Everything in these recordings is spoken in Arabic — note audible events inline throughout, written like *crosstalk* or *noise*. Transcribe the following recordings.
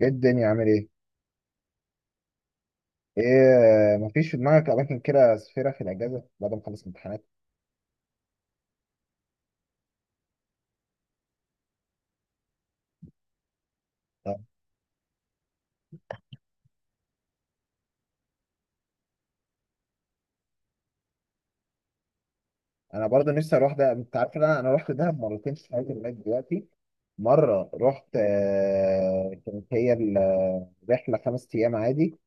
ايه الدنيا عامل ايه؟ ايه مفيش في دماغك اماكن كده سفيرة في الاجازة بعد ما اخلص امتحانات؟ طب انا برضه نفسي اروح ده، انت عارف إن انا رحت دهب مرتين في حياتي لغايه دلوقتي. مرة رحت كانت هي الرحلة خمس ايام عادي،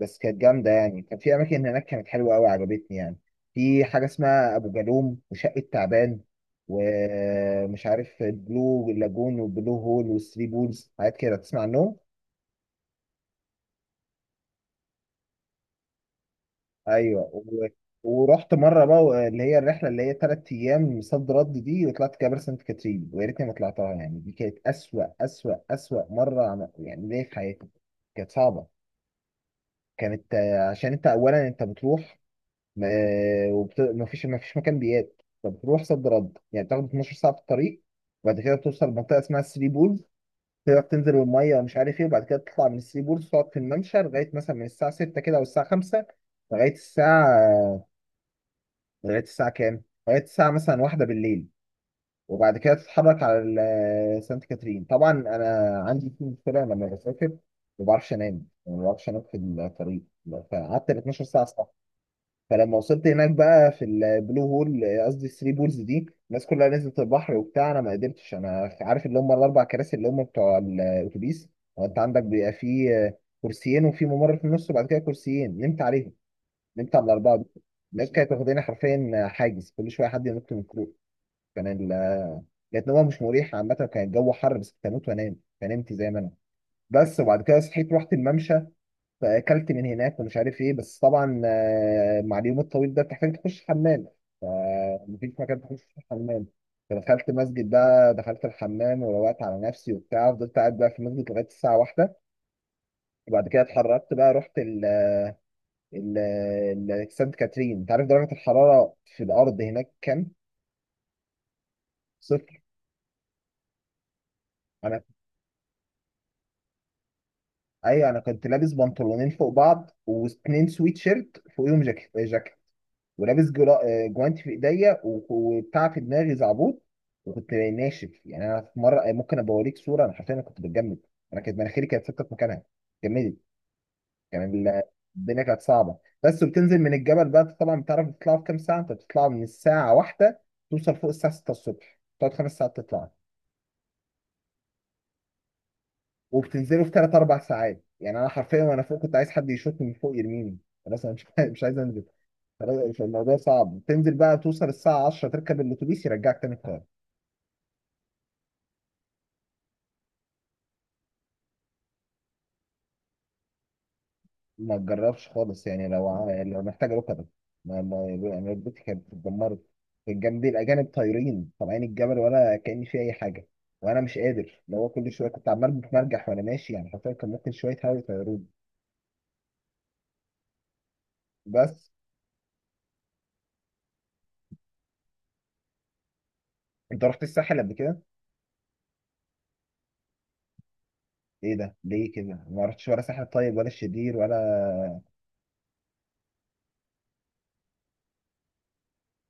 بس كانت جامدة يعني. كان في اماكن هناك كانت حلوة قوي عجبتني يعني. في حاجة اسمها ابو جالوم وشقة تعبان ومش عارف البلو لاجون والبلو هول والثري بولز، حاجات كده تسمع عنهم؟ ايوه ورحت مره بقى اللي هي الرحله اللي هي ثلاث ايام صد رد دي، وطلعت جبل سانت كاترين، ويا ريتني ما طلعتها يعني. دي كانت اسوأ اسوأ اسوأ مره يعني ليا في حياتي. كانت صعبه. كانت عشان انت اولا انت بتروح ما ما فيش مكان بيات، فبتروح صد رد يعني، بتاخد 12 ساعه في الطريق. وبعد كده بتوصل لمنطقه اسمها الثري بولز، تقدر تنزل الميه ومش عارف ايه، وبعد كده تطلع من الثري بولز تقعد في الممشى لغايه مثلا من الساعه 6 كده او الساعه 5 لغايه الساعه لغايه الساعه كام؟ لغايه الساعه مثلا واحدة بالليل. وبعد كده تتحرك على سانت كاترين. طبعا انا عندي في مشكله لما بسافر، ما بعرفش انام يعني، ما بعرفش انام في الطريق، فقعدت ال 12 ساعه صح. فلما وصلت هناك بقى في البلو هول، قصدي الثري بولز دي، الناس كلها نزلت البحر وبتاع، انا ما قدرتش. انا عارف اللي هم الاربع كراسي اللي هم بتوع الاتوبيس، هو انت عندك بيبقى فيه كرسيين وفي ممر في النص وبعد كده كرسيين، نمت عليهم، نمت على الأربعة دول. الناس كانت واخدين حرفيا حاجز، كل شوية حد ينط من الكروب. كان ال كانت نومة مش مريحة عامة، كان الجو حر، بس كنت هموت وأنام فنمت زي ما أنا. بس وبعد كده صحيت، رحت الممشى، فأكلت من هناك ومش عارف إيه. بس طبعا مع اليوم الطويل ده بتحتاج تخش حمام، فمفيش مكان تخش فيه حمام. فدخلت مسجد بقى، دخلت الحمام وروقت على نفسي وبتاع، فضلت قاعد بقى في المسجد لغاية الساعة واحدة. وبعد كده اتحركت بقى، رحت ال- سانت كاترين. انت عارف درجة الحرارة في الأرض هناك كام؟ صفر. أنا، أيوة، أنا كنت لابس بنطلونين فوق بعض واتنين سويت شيرت فوقيهم جاكيت جاكيت، ولابس جرا... آه، جوانتي في إيديا وبتاع في دماغي زعبوط، وكنت ناشف يعني. أنا في مرة ممكن أبقى أوريك صورة، أنا حرفيا أنا كنت بتجمد. أنا كانت مناخيري كانت ثابتة في مكانها، جمدت. كان ال- الدنيا كانت صعبة. بس وبتنزل من الجبل بقى، أنت طبعا بتعرف تطلعوا في كام ساعة؟ أنت بتطلع من الساعة واحدة توصل فوق الساعة 6 الصبح، تقعد خمس ساعات تطلع، وبتنزله في ثلاث اربع ساعات. يعني انا حرفيا وانا فوق كنت عايز حد يشوطني من فوق يرميني، خلاص انا مش *laughs* عايز، مش عايز انزل. خلاص الموضوع صعب. تنزل بقى توصل الساعه 10 تركب الاتوبيس يرجعك تاني القاهره. ما تجربش خالص يعني، لو يعني لو محتاج ركبه، ما يعني ركبتي كانت اتدمرت. كان جنبي الاجانب طايرين طالعين الجبل ولا كاني في اي حاجه، وانا مش قادر، لو هو كل شويه كنت عمال بتمرجح وانا ماشي، يعني حرفيا كان ممكن شويه هوا يطيروني. بس انت رحت الساحل قبل كده؟ ايه ده ليه كده ما رحتش ولا ساحل طيب، ولا الشرير ولا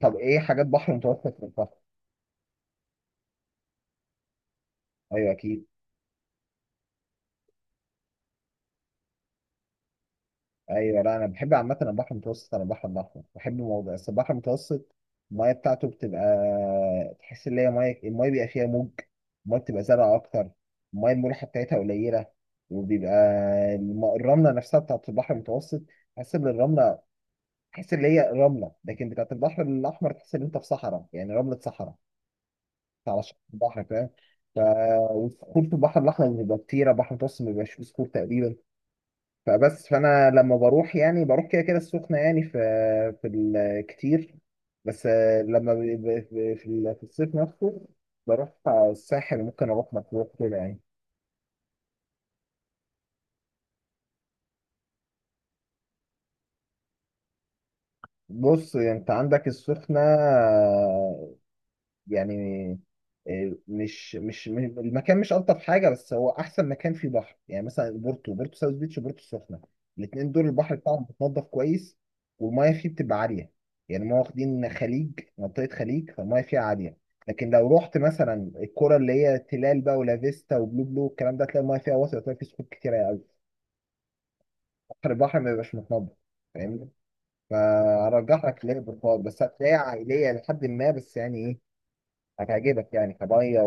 طب ايه حاجات بحر متوسط في البحر؟ ايوه اكيد. ايوه، لا انا بحب عامه البحر المتوسط عن البحر الاحمر، بحب الموضوع بس البحر المتوسط، المايه بتاعته بتبقى تحس ان هي مايه، المايه بيبقى فيها موج، المايه بتبقى زرقاء اكتر، المايه الملوحه بتاعتها قليله، وبيبقى الرمله نفسها بتاعت البحر المتوسط، تحس ان الرمله، تحس ان هي رمله. لكن بتاعت البحر الاحمر تحس ان انت في صحراء، يعني رمله صحراء على شط البحر، فاهم؟ ف والصخور في البحر الاحمر بيبقى كتيره، البحر المتوسط ما بيبقاش فيه صخور تقريبا. فانا لما بروح يعني، بروح كده كده السخنه، يعني في في الكتير. بس لما في الصيف نفسه بروح الساحل، ممكن اروح مطروح كده يعني. بص انت عندك السخنه يعني، مش المكان مش الطف حاجه، بس هو احسن مكان فيه بحر. يعني مثلا بورتو، بورتو ساوث بيتش وبورتو السخنه، الاثنين دول البحر بتاعهم متنضف كويس، والميه فيه بتبقى عاليه، يعني ما واخدين خليج، منطقه خليج، فالميه فيها عاليه. لكن لو رحت مثلا الكرة اللي هي تلال بقى، ولا فيستا وبلو بلو الكلام ده، تلاقي الميه فيها واسعه، وتلاقي فيه صخور كتيره قوي، بحر البحر ما بيبقاش متنضف، فاهمني؟ فارجح لك ليه بالفاضل، بس هتلاقيها عائليه لحد ما، بس يعني ايه، هتعجبك يعني كميه،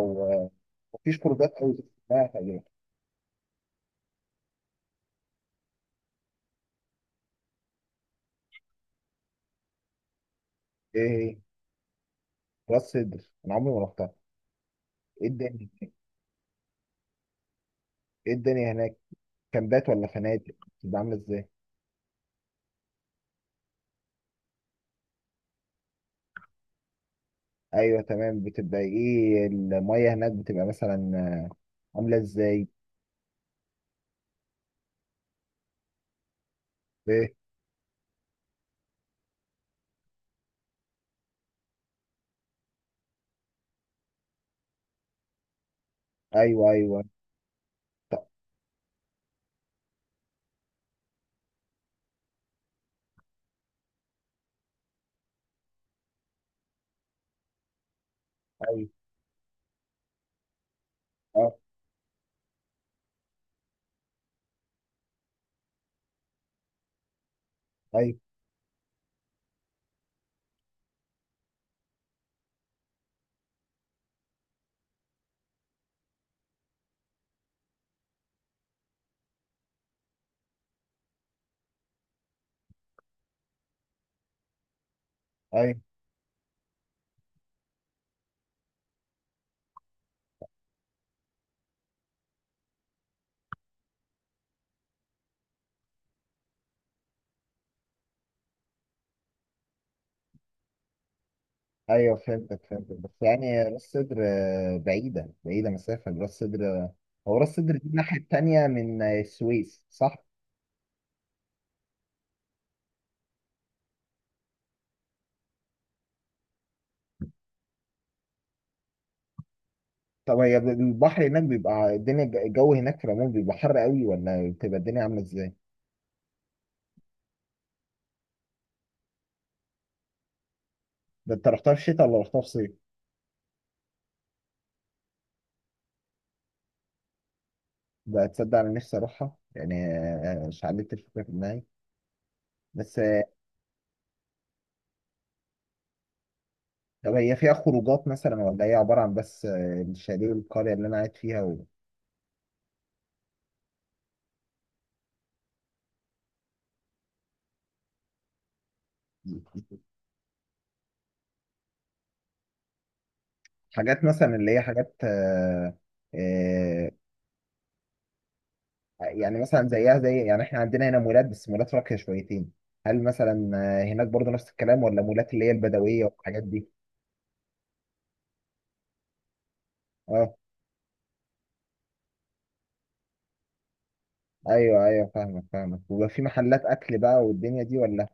مفيش خروجات قوي اسمها، تعجبك. ايه؟ هي راس سدر انا عمري ما رحتها. ايه الدنيا؟ ايه الدنيا هناك، كامبات ولا فنادق بتبقى عامله ازاي؟ ايوه تمام، بتبقى ايه الميه هناك، بتبقى مثلا عامله ازاي؟ ايه؟ ايوه ايوه. طب. ايوه. اه. ايوه ايوه ايوه فهمتك فهمتك. بس يعني راس سدر بعيده بعيده، مسافه راس سدر، هو راس سدر دي الناحيه التانيه من السويس صح؟ طب هي البحر هناك بيبقى الدنيا، الجو هناك في العموم بيبقى حر قوي ولا بتبقى الدنيا عامله ازاي؟ ده انت رحتها في الشتاء ولا رحتها في صيف؟ بقى تصدق انا نفسي اروحها، يعني شعلت الفكره في دماغي. بس طب هي فيها خروجات مثلا، ولا هي عباره عن بس الشاليه والقريه اللي انا قاعد فيها حاجات مثلا اللي هي حاجات آه، يعني مثلا زيها زي، يعني احنا عندنا هنا مولات بس مولات راقيه شويتين، هل مثلا هناك برضه نفس الكلام، ولا مولات اللي هي البدويه والحاجات دي؟ اه. ايوه ايوه فاهمك فاهمك. ويبقى في محلات اكل بقى والدنيا دي ولا؟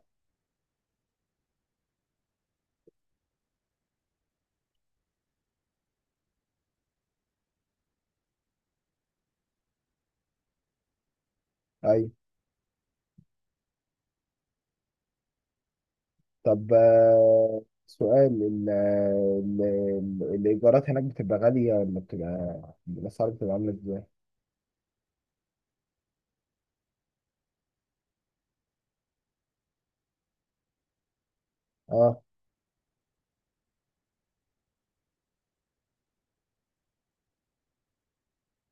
ايوه. طب سؤال، الايجارات هناك بتبقى غاليه ولا بتبقى، الاسعار بتبقى عامله ازاي؟ اه.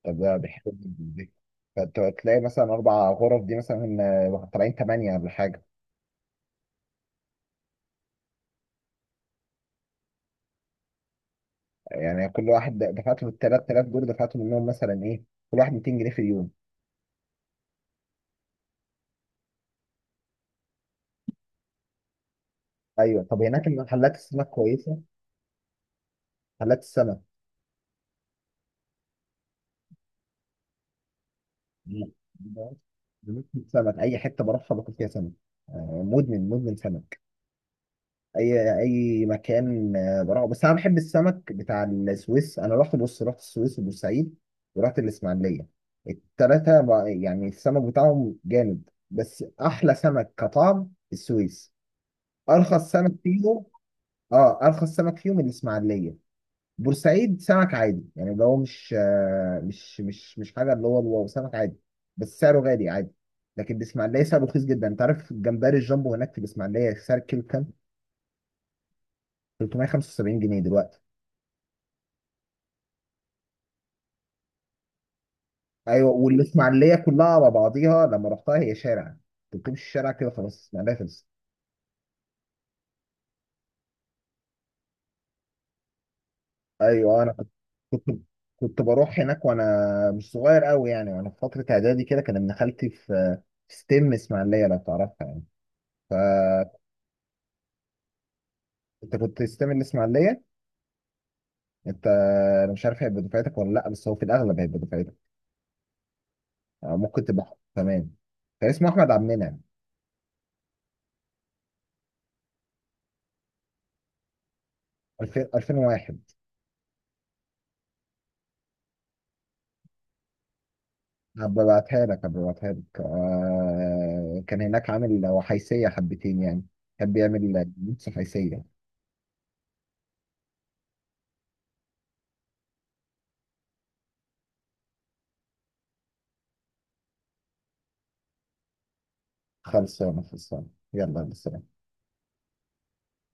طب ده، ده حلو جدا دي. فانت هتلاقي مثلا اربع غرف دي مثلا طالعين ثمانيه ولا حاجه؟ يعني كل واحد دفعت له ال 3000 دول، دفعت منهم مثلا ايه، كل واحد 200 جنيه في اليوم؟ ايوه، طب هناك المحلات السمك كويسه؟ محلات السمك لا، بموت سمك، اي حته بروحها باكل فيها سمك، مدمن مدمن سمك، اي اي مكان بروحه. بس انا بحب السمك بتاع السويس، انا رحت بص، رحت السويس وبورسعيد ورحت الاسماعيليه، التلاته يعني السمك بتاعهم جامد، بس احلى سمك كطعم السويس، ارخص سمك فيهم. اه ارخص سمك فيهم الاسماعيليه. بورسعيد سمك عادي، يعني اللي هو مش مش حاجه، اللي هو الواو سمك عادي، بس سعره غالي عادي. لكن الاسماعيليه سعره رخيص جدا. انت عارف الجمبري الجامبو هناك في الاسماعيليه سعر الكيلو كام؟ 375 جنيه دلوقتي. ايوه، والاسماعيليه كلها على بعضيها لما رحتها هي شارع، انت بتمشي الشارع كده خلاص الاسماعيليه خلصت. ايوه انا كنت، كنت كنت بروح هناك وانا مش صغير قوي يعني، وانا في فتره اعدادي كده كان ابن خالتي في في ستيم اسماعيليه، لو تعرفها يعني. فانت كنت ستيم الاسماعيليه، انت، انا مش عارف هيبقى دفعتك ولا لا، بس هو في الاغلب هيبقى دفعتك، ممكن تبقى تمام. كان اسمه احمد عبد المنعم. 2000 2001. هبقى ابعتها لك هبقى ابعتها لك، كان هناك عامل وحيسيه حبتين يعني، كان بيعمل نص حيسيه. خلصانه خلصانه. يلا بس.